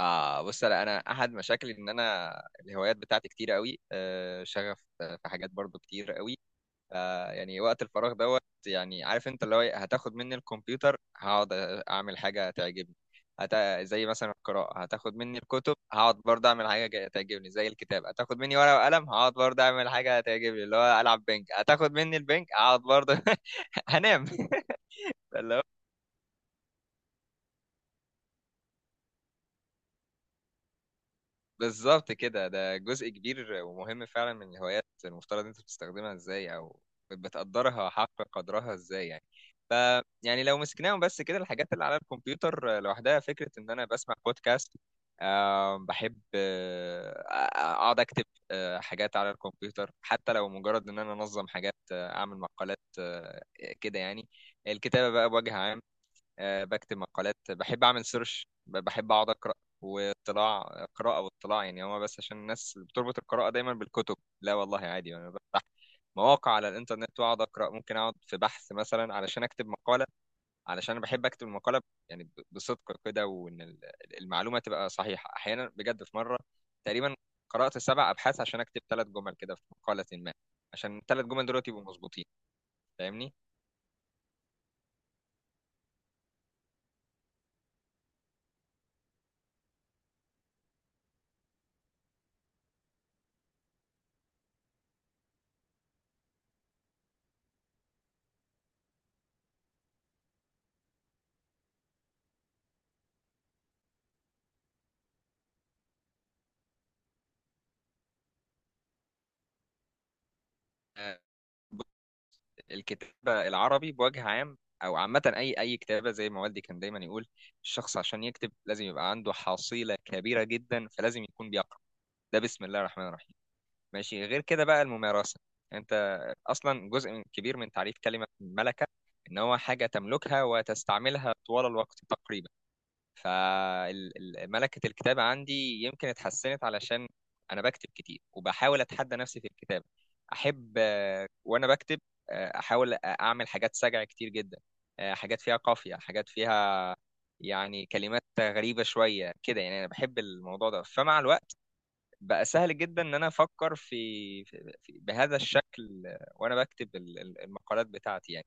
اه بص، انا احد مشاكلي ان انا الهوايات بتاعتي كتير قوي، شغف، في حاجات برضو كتير قوي. يعني وقت الفراغ دوت. يعني عارف انت اللي هو إيه، هتاخد مني الكمبيوتر هقعد اعمل حاجه تعجبني. هت... زي مثلا القراءه، هتاخد مني الكتب هقعد برضه اعمل حاجه تعجبني. زي الكتاب، هتاخد مني ورقه وقلم هقعد برضه اعمل حاجه تعجبني. اللي هو العب بنج، هتاخد مني البنج هقعد برضه هنام بالظبط كده، ده جزء كبير ومهم فعلا من الهوايات. المفترض انت بتستخدمها ازاي او بتقدرها حق قدرها ازاي يعني. ف يعني لو مسكناهم بس كده، الحاجات اللي على الكمبيوتر لوحدها، فكرة ان انا بسمع بودكاست، بحب اقعد اكتب، حاجات على الكمبيوتر، حتى لو مجرد ان انا انظم حاجات، اعمل مقالات، كده يعني. الكتابة بقى بوجه عام، بكتب مقالات، بحب اعمل سيرش، بحب اقعد اقرا واطلاع. قراءه واطلاع، يعني هو بس عشان الناس بتربط القراءه دايما بالكتب. لا والله عادي، انا بفتح مواقع على الانترنت واقعد اقرا. ممكن اقعد في بحث مثلا علشان اكتب مقاله. علشان انا بحب اكتب المقاله يعني بصدق كده، وان المعلومه تبقى صحيحه. احيانا بجد في مره تقريبا قرات 7 ابحاث عشان اكتب 3 جمل كده في مقاله ما، عشان الثلاث جمل دول يبقوا مظبوطين. فاهمني. آه، الكتابة العربي بوجه عام، أو عامة أي كتابة، زي ما والدي كان دايما يقول، الشخص عشان يكتب لازم يبقى عنده حصيلة كبيرة جدا، فلازم يكون بيقرأ. ده بسم الله الرحمن الرحيم. ماشي، غير كده بقى الممارسة. أنت أصلا جزء من كبير من تعريف كلمة ملكة، إن هو حاجة تملكها وتستعملها طوال الوقت تقريبا. فملكة الكتابة عندي يمكن اتحسنت علشان أنا بكتب كتير، وبحاول أتحدى نفسي في الكتابة. أحب، وأنا بكتب أحاول أعمل حاجات سجع كتير جدا، حاجات فيها قافية، حاجات فيها يعني كلمات غريبة شوية كده. يعني أنا بحب الموضوع ده، فمع الوقت بقى سهل جدا إن أنا أفكر بهذا الشكل. وأنا بكتب المقالات بتاعتي يعني.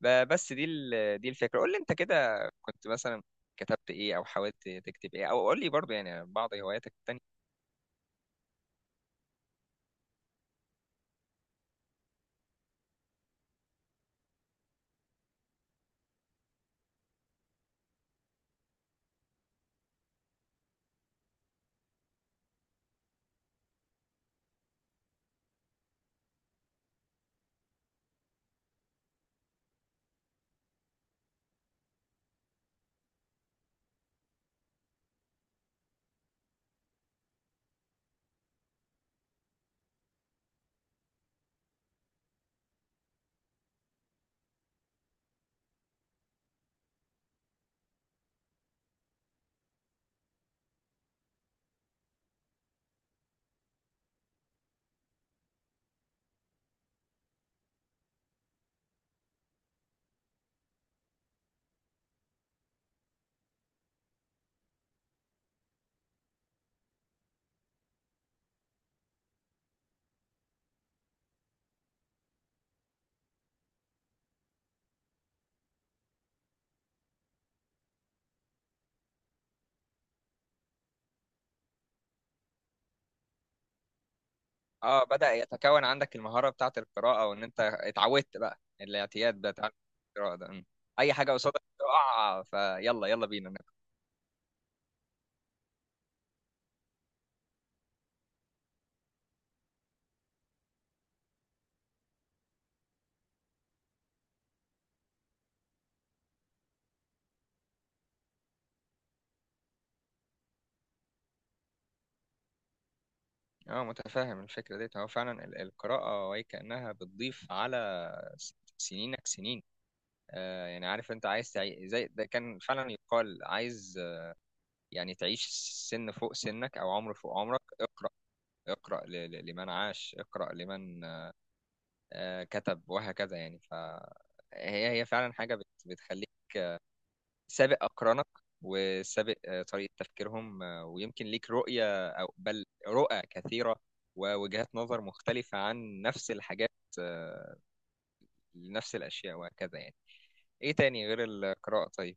بس دي دي الفكره. قول لي انت كده، كنت مثلا كتبت ايه او حاولت تكتب ايه؟ او قول لي برضه يعني بعض هواياتك التانية. اه، بدأ يتكون عندك المهاره بتاعه القراءه، وان انت اتعودت بقى. الاعتياد بتاع القراءه ده، اي حاجه قصادك تقع فيلا، يلا بينا نقرا. اه متفاهم الفكره ديت. هو فعلا القراءه وهي كانها بتضيف على سنينك سنين. يعني عارف انت عايز زي ده كان فعلا يقال، عايز يعني تعيش سن فوق سنك او عمر فوق عمرك. اقرأ، اقرأ لمن عاش، اقرأ لمن كتب، وهكذا يعني. فهي هي فعلا حاجة بتخليك سابق أقرانك، وسابق طريقة تفكيرهم، ويمكن ليك رؤية أو بل رؤى كثيرة، ووجهات نظر مختلفة عن نفس الحاجات، آه، لنفس الأشياء، وهكذا يعني. إيه تاني غير القراءة طيب؟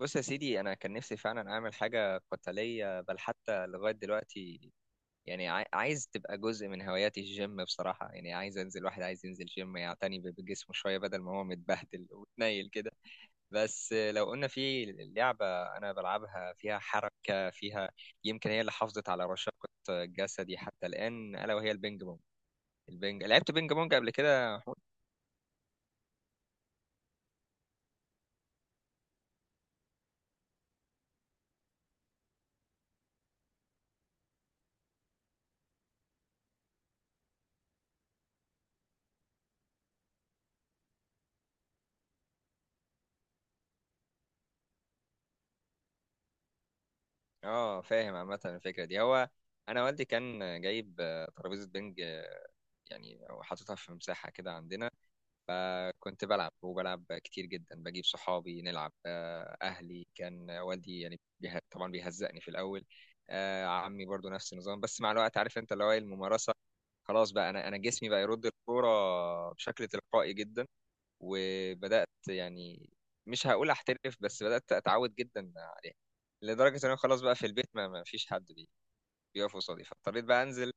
بص يا سيدي، أنا كان نفسي فعلا أعمل حاجة قتالية، بل حتى لغاية دلوقتي يعني عايز تبقى جزء من هواياتي الجيم بصراحة. يعني عايز انزل، واحد عايز ينزل جيم يعتني بجسمه شوية بدل ما هو متبهدل ومتنيل كده. بس لو قلنا في لعبة انا بلعبها فيها حركة فيها، يمكن هي اللي حافظت على رشاقة جسدي حتى الآن، ألا وهي البينج بونج. البينج، لعبت بينج بونج قبل كده يا محمود؟ اه فاهم. عامة الفكرة دي، هو انا والدي كان جايب ترابيزة بينج، يعني وحاططها في مساحة كده عندنا. فكنت بلعب وبلعب كتير جدا، بجيب صحابي نلعب، أهلي كان والدي يعني طبعا بيهزقني في الأول، عمي برضو نفس النظام. بس مع الوقت عارف انت اللي هو إيه، الممارسة. خلاص بقى انا، انا جسمي بقى يرد الكوره بشكل تلقائي جدا. وبدات يعني، مش هقول احترف، بس بدات اتعود جدا عليها، لدرجه ان انا خلاص بقى في البيت ما فيش حد بيقف قصادي. فاضطريت بقى انزل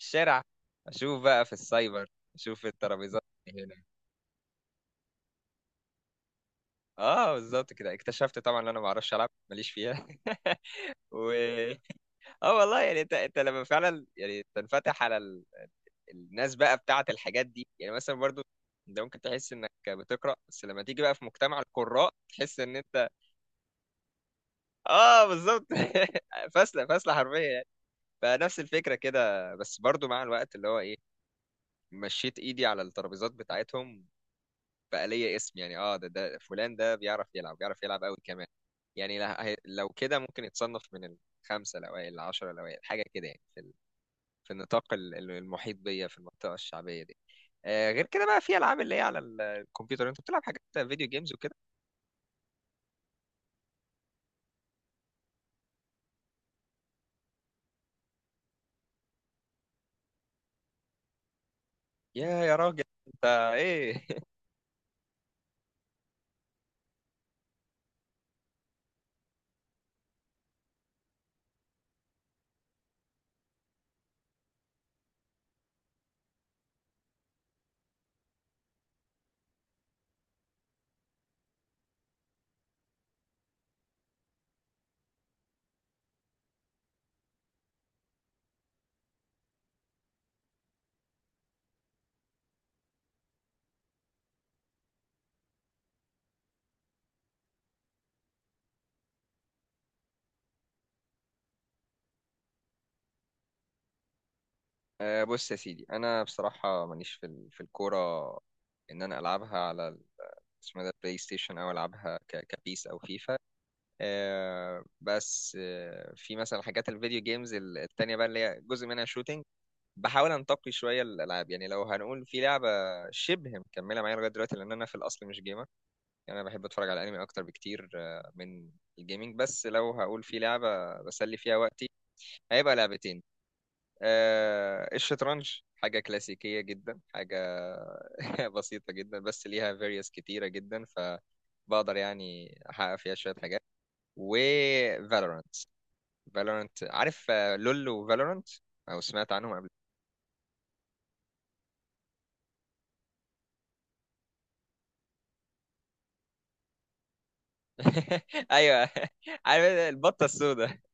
الشارع، اشوف بقى في السايبر، اشوف الترابيزات هنا. اه بالظبط كده، اكتشفت طبعا ان انا ما اعرفش العب، ماليش فيها و اه والله. يعني انت لما فعلا يعني تنفتح على الناس بقى بتاعه الحاجات دي، يعني مثلا برضو انت ممكن تحس انك بتقرا، بس لما تيجي بقى في مجتمع القراء تحس ان انت. اه بالظبط فاسله فاسله حرفيا يعني. فنفس الفكره كده، بس برضو مع الوقت اللي هو ايه، مشيت ايدي على الترابيزات بتاعتهم، بقى ليا اسم. يعني اه، ده فلان ده بيعرف يلعب، بيعرف يلعب قوي كمان. يعني لو كده ممكن يتصنف من الخمسة الأوائل، العشرة الأوائل، حاجة كده يعني، في في النطاق المحيط بيا في المنطقة الشعبية دي. غير كده بقى، في ألعاب اللي هي على الكمبيوتر، أنت بتلعب حاجات فيديو جيمز وكده؟ يا راجل أنت، إيه؟ بص يا سيدي، أنا بصراحة ماليش في في الكورة. إن أنا ألعبها على اسمه ده البلاي ستيشن، أو ألعبها كبيس أو فيفا. بس في مثلا حاجات الفيديو جيمز التانية بقى، اللي هي جزء منها شوتينج. بحاول انتقي شوية الألعاب. يعني لو هنقول في لعبة شبه مكملة معايا لغاية دلوقتي، لأن أنا في الأصل مش جيمر. يعني أنا بحب أتفرج على أنمي أكتر بكتير من الجيمنج. بس لو هقول في لعبة بسلي فيها وقتي، هيبقى لعبتين، الشطرنج. حاجة كلاسيكية جدا، حاجة بسيطة جدا، بس ليها فيريوس كتيرة جدا، فبقدر يعني أحقق فيها شوية حاجات. و Valorant. فالورنت، عارف لول وفالورنت؟ او سمعت عنهم قبل؟ ايوه عارف البطه السوداء؟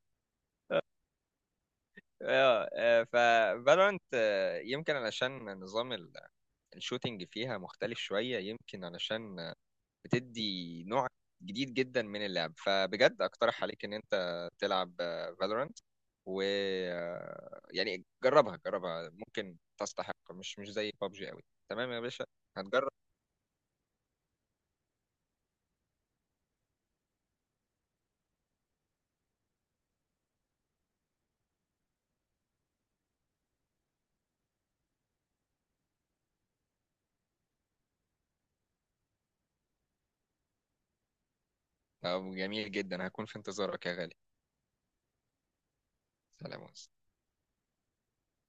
اه، ففالورنت، يمكن علشان نظام الشوتينج فيها مختلف شويه، يمكن علشان بتدي نوع جديد جدا من اللعب. فبجد اقترح عليك ان انت تلعب فالورنت. و يعني جربها جربها، ممكن تستحق، مش زي بابجي قوي. تمام يا باشا؟ هتجرب؟ طب جميل جدا، هكون في انتظارك يا غالي. سلام عليكم.